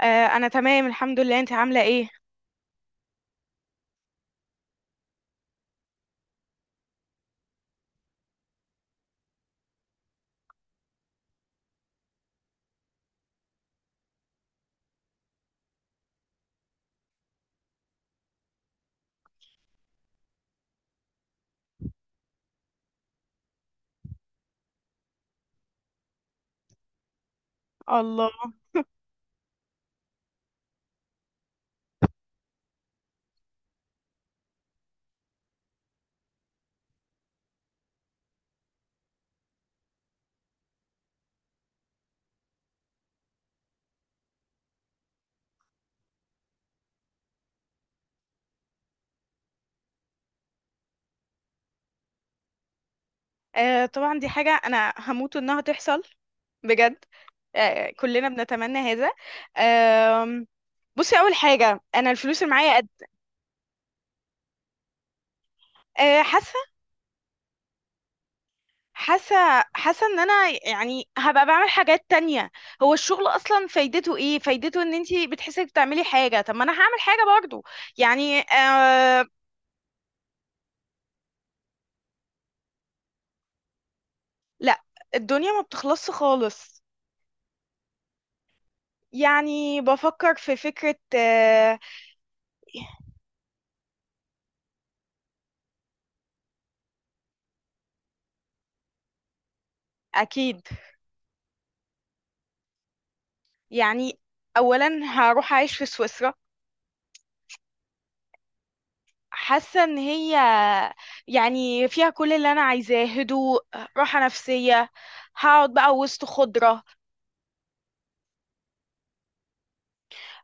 آه، انا تمام الحمد لله، انت عامله ايه؟ الله. آه، طبعا دي حاجه انا هموت انها تحصل. بجد. آه، كلنا بنتمنى هذا. آه، بصي اول حاجه، انا الفلوس اللي معايا قد. آه حاسه حاسه حاسه ان انا يعني هبقى بعمل حاجات تانية. هو الشغل اصلا فايدته ايه؟ فايدته ان انت بتحسي إنك بتعملي حاجه، طب ما انا هعمل حاجه برضو يعني لا، الدنيا ما بتخلصش خالص. يعني بفكر في فكره اكيد، يعني اولا هروح اعيش في سويسرا. حاسه ان هي يعني فيها كل اللي انا عايزاه، هدوء، راحه نفسيه، هقعد بقى وسط خضره.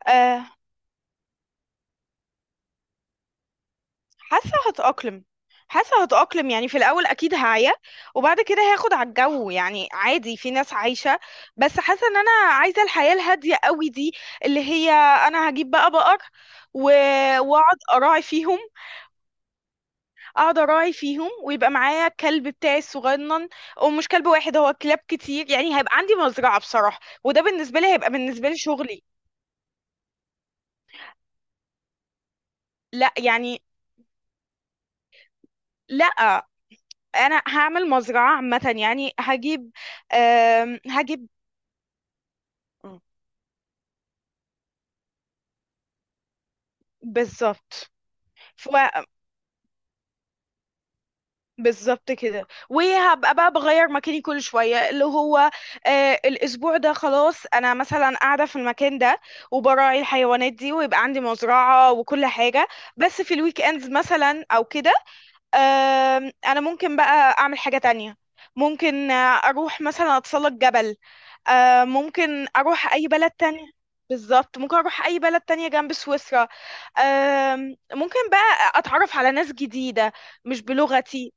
أه، حاسه هتأقلم، حاسه هتأقلم، يعني في الاول اكيد هعيا وبعد كده هاخد على الجو، يعني عادي، في ناس عايشه. بس حاسه ان انا عايزه الحياه الهاديه قوي دي، اللي هي، انا هجيب بقى بقر و- واقعد اراعي فيهم، اقعد اراعي فيهم، ويبقى معايا الكلب بتاعي الصغنن. ومش كلب واحد، هو كلاب كتير، يعني هيبقى عندي مزرعة بصراحة، وده بالنسبة لي هيبقى بالنسبة لي شغلي. لا يعني، لا، انا هعمل مزرعة عامة، يعني هجيب. بالظبط، بالظبط كده، وهبقى بقى بغير مكاني كل شوية اللي هو، الأسبوع ده خلاص أنا مثلا قاعدة في المكان ده وبراعي الحيوانات دي، ويبقى عندي مزرعة وكل حاجة. بس في الويك اندز مثلا أو كده، أنا ممكن بقى أعمل حاجة تانية. ممكن أروح مثلا أتسلق جبل. ممكن أروح أي بلد تانية. بالظبط، ممكن أروح أي بلد تانية جنب سويسرا. ممكن بقى أتعرف على ناس جديدة. مش بلغتي.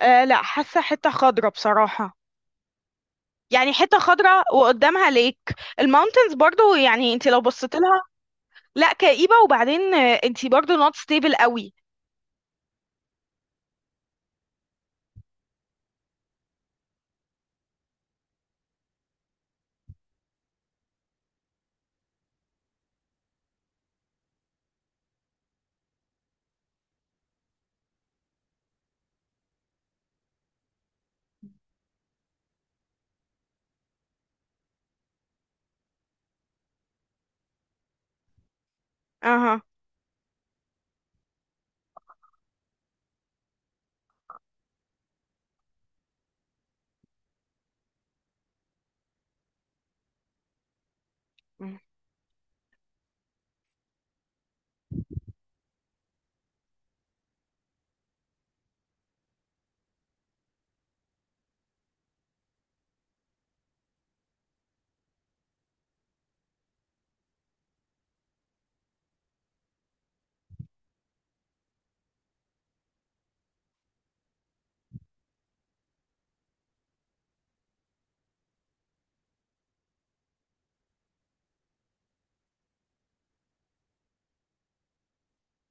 لا، حاسة حتة خضرة بصراحة. يعني حتة خضرة وقدامها ليك الماونتنز برضو، يعني انت لو بصيت لها. لا، كئيبة، وبعدين انت برضو نوت ستيبل قوي. اها.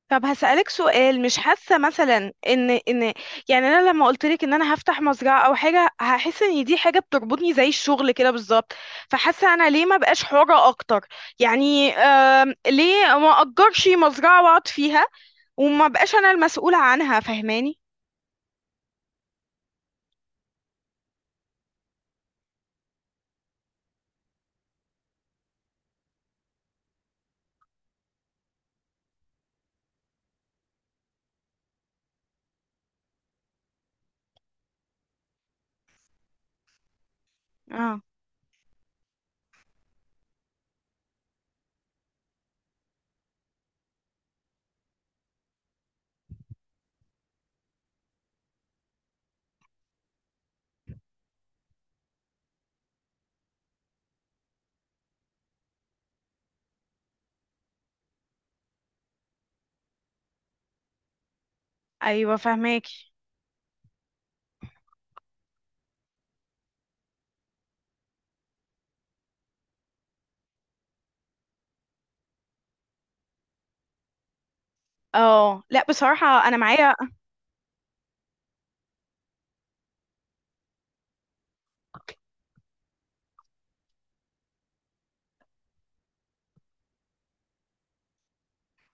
طب هسألك سؤال، مش حاسة مثلا ان، يعني انا لما قلت لك ان انا هفتح مزرعة او حاجة، هحس ان دي حاجة بتربطني زي الشغل كده بالظبط. فحاسة انا ليه ما بقاش حرة اكتر؟ يعني ليه ما اجرش مزرعة واقعد فيها، وما بقاش انا المسؤولة عنها، فاهماني؟ اه. ايوه فهماكي. اه، لا، بصراحه انا معايا،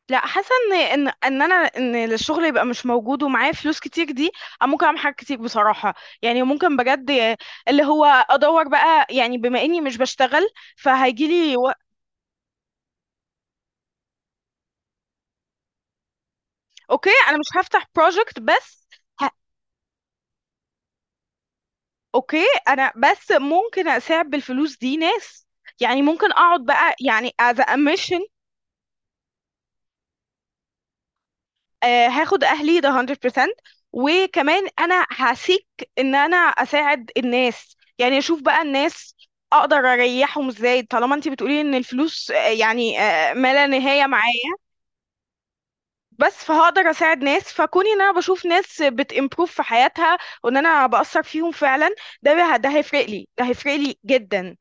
لا، حاسه ان الشغل يبقى مش موجود ومعايا فلوس كتير دي، أنا ممكن اعمل حاجات كتير بصراحه، يعني ممكن بجد، اللي هو ادور بقى يعني بما اني مش بشتغل، فهيجيلي اوكي، انا مش هفتح بروجكت بس. ه... اوكي، انا بس ممكن اساعد بالفلوس دي ناس، يعني ممكن اقعد بقى يعني as a mission. هاخد اهلي، ده 100%. وكمان انا هسيك ان انا اساعد الناس، يعني اشوف بقى الناس اقدر اريحهم ازاي، طالما انت بتقولي ان الفلوس يعني ما لا نهاية معايا. بس فهقدر اساعد ناس، فكوني ان انا بشوف ناس بتimprove في حياتها، وان انا بأثر فيهم فعلا، ده هيفرق لي، ده هيفرق لي جدا.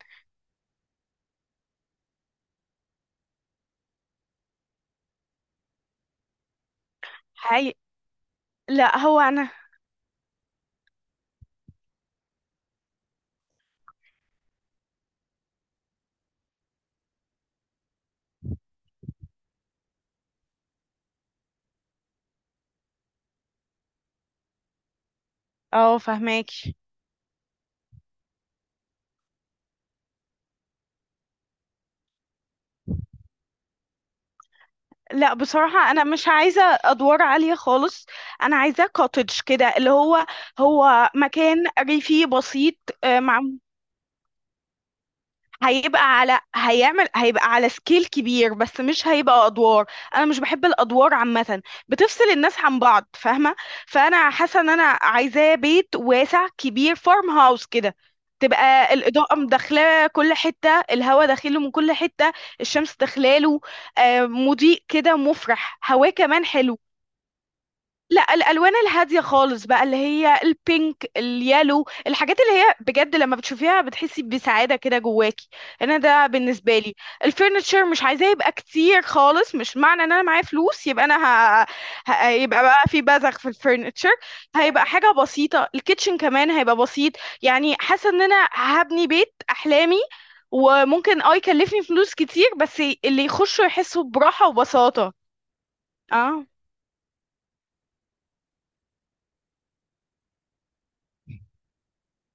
هي... لا، هو انا. اه فهماك. لا، بصراحة أنا مش عايزة أدوار عالية خالص. أنا عايزة كوتج كده، اللي هو مكان ريفي بسيط. آه، مع هيبقى على سكيل كبير، بس مش هيبقى أدوار. أنا مش بحب الأدوار عامة، بتفصل الناس عن بعض، فاهمة؟ فأنا حاسة إن أنا عايزاه بيت واسع كبير، فارم هاوس كده. تبقى الإضاءة مدخلة كل حتة، الهواء داخله من كل حتة، الشمس داخلاله، مضيء كده، مفرح، هواه كمان حلو. لا، الالوان الهاديه خالص بقى، اللي هي البينك، اليالو، الحاجات اللي هي بجد لما بتشوفيها بتحسي بسعاده كده جواكي. انا ده بالنسبه لي. الفurniture مش عايزاه يبقى كتير خالص، مش معنى ان انا معايا فلوس يبقى انا ه... يبقى بقى في بذخ في الفurniture. هيبقى حاجه بسيطه، الكيتشن كمان هيبقى بسيط. يعني حاسه ان انا هبني بيت احلامي، وممكن يكلفني فلوس كتير، بس اللي يخشوا يحسوا براحه وبساطه. اه،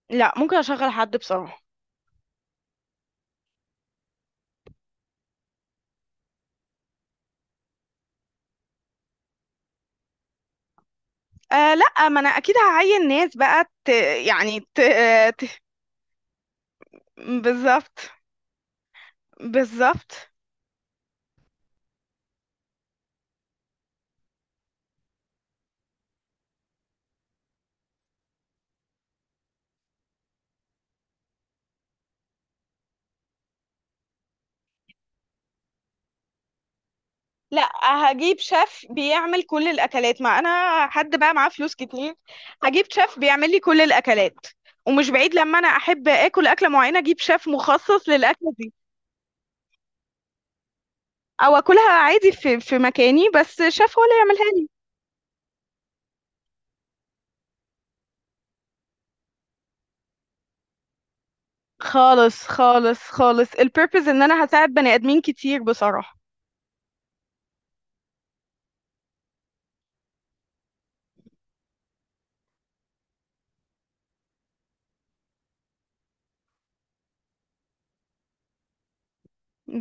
لا، ممكن اشغل حد بصراحه. آه، لا، ما انا اكيد هعين ناس بقى يعني بالظبط، بالظبط. لا، هجيب شيف بيعمل كل الاكلات، ما انا حد بقى معاه فلوس كتير، هجيب شيف بيعمل لي كل الاكلات. ومش بعيد لما انا احب اكل اكله معينه، اجيب شيف مخصص للاكله دي. او اكلها عادي في مكاني، بس شيف هو اللي يعملها لي. خالص، خالص، خالص، البيربز ان انا هساعد بني ادمين كتير بصراحه.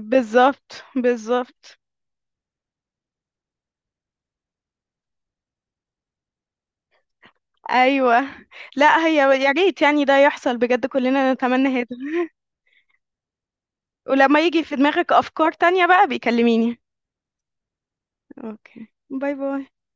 بالظبط، بالظبط. ايوه. لا هي يا ريت يعني ده يحصل بجد، كلنا نتمنى هذا. ولما يجي في دماغك افكار تانية بقى بيكلميني. اوكي، باي باي.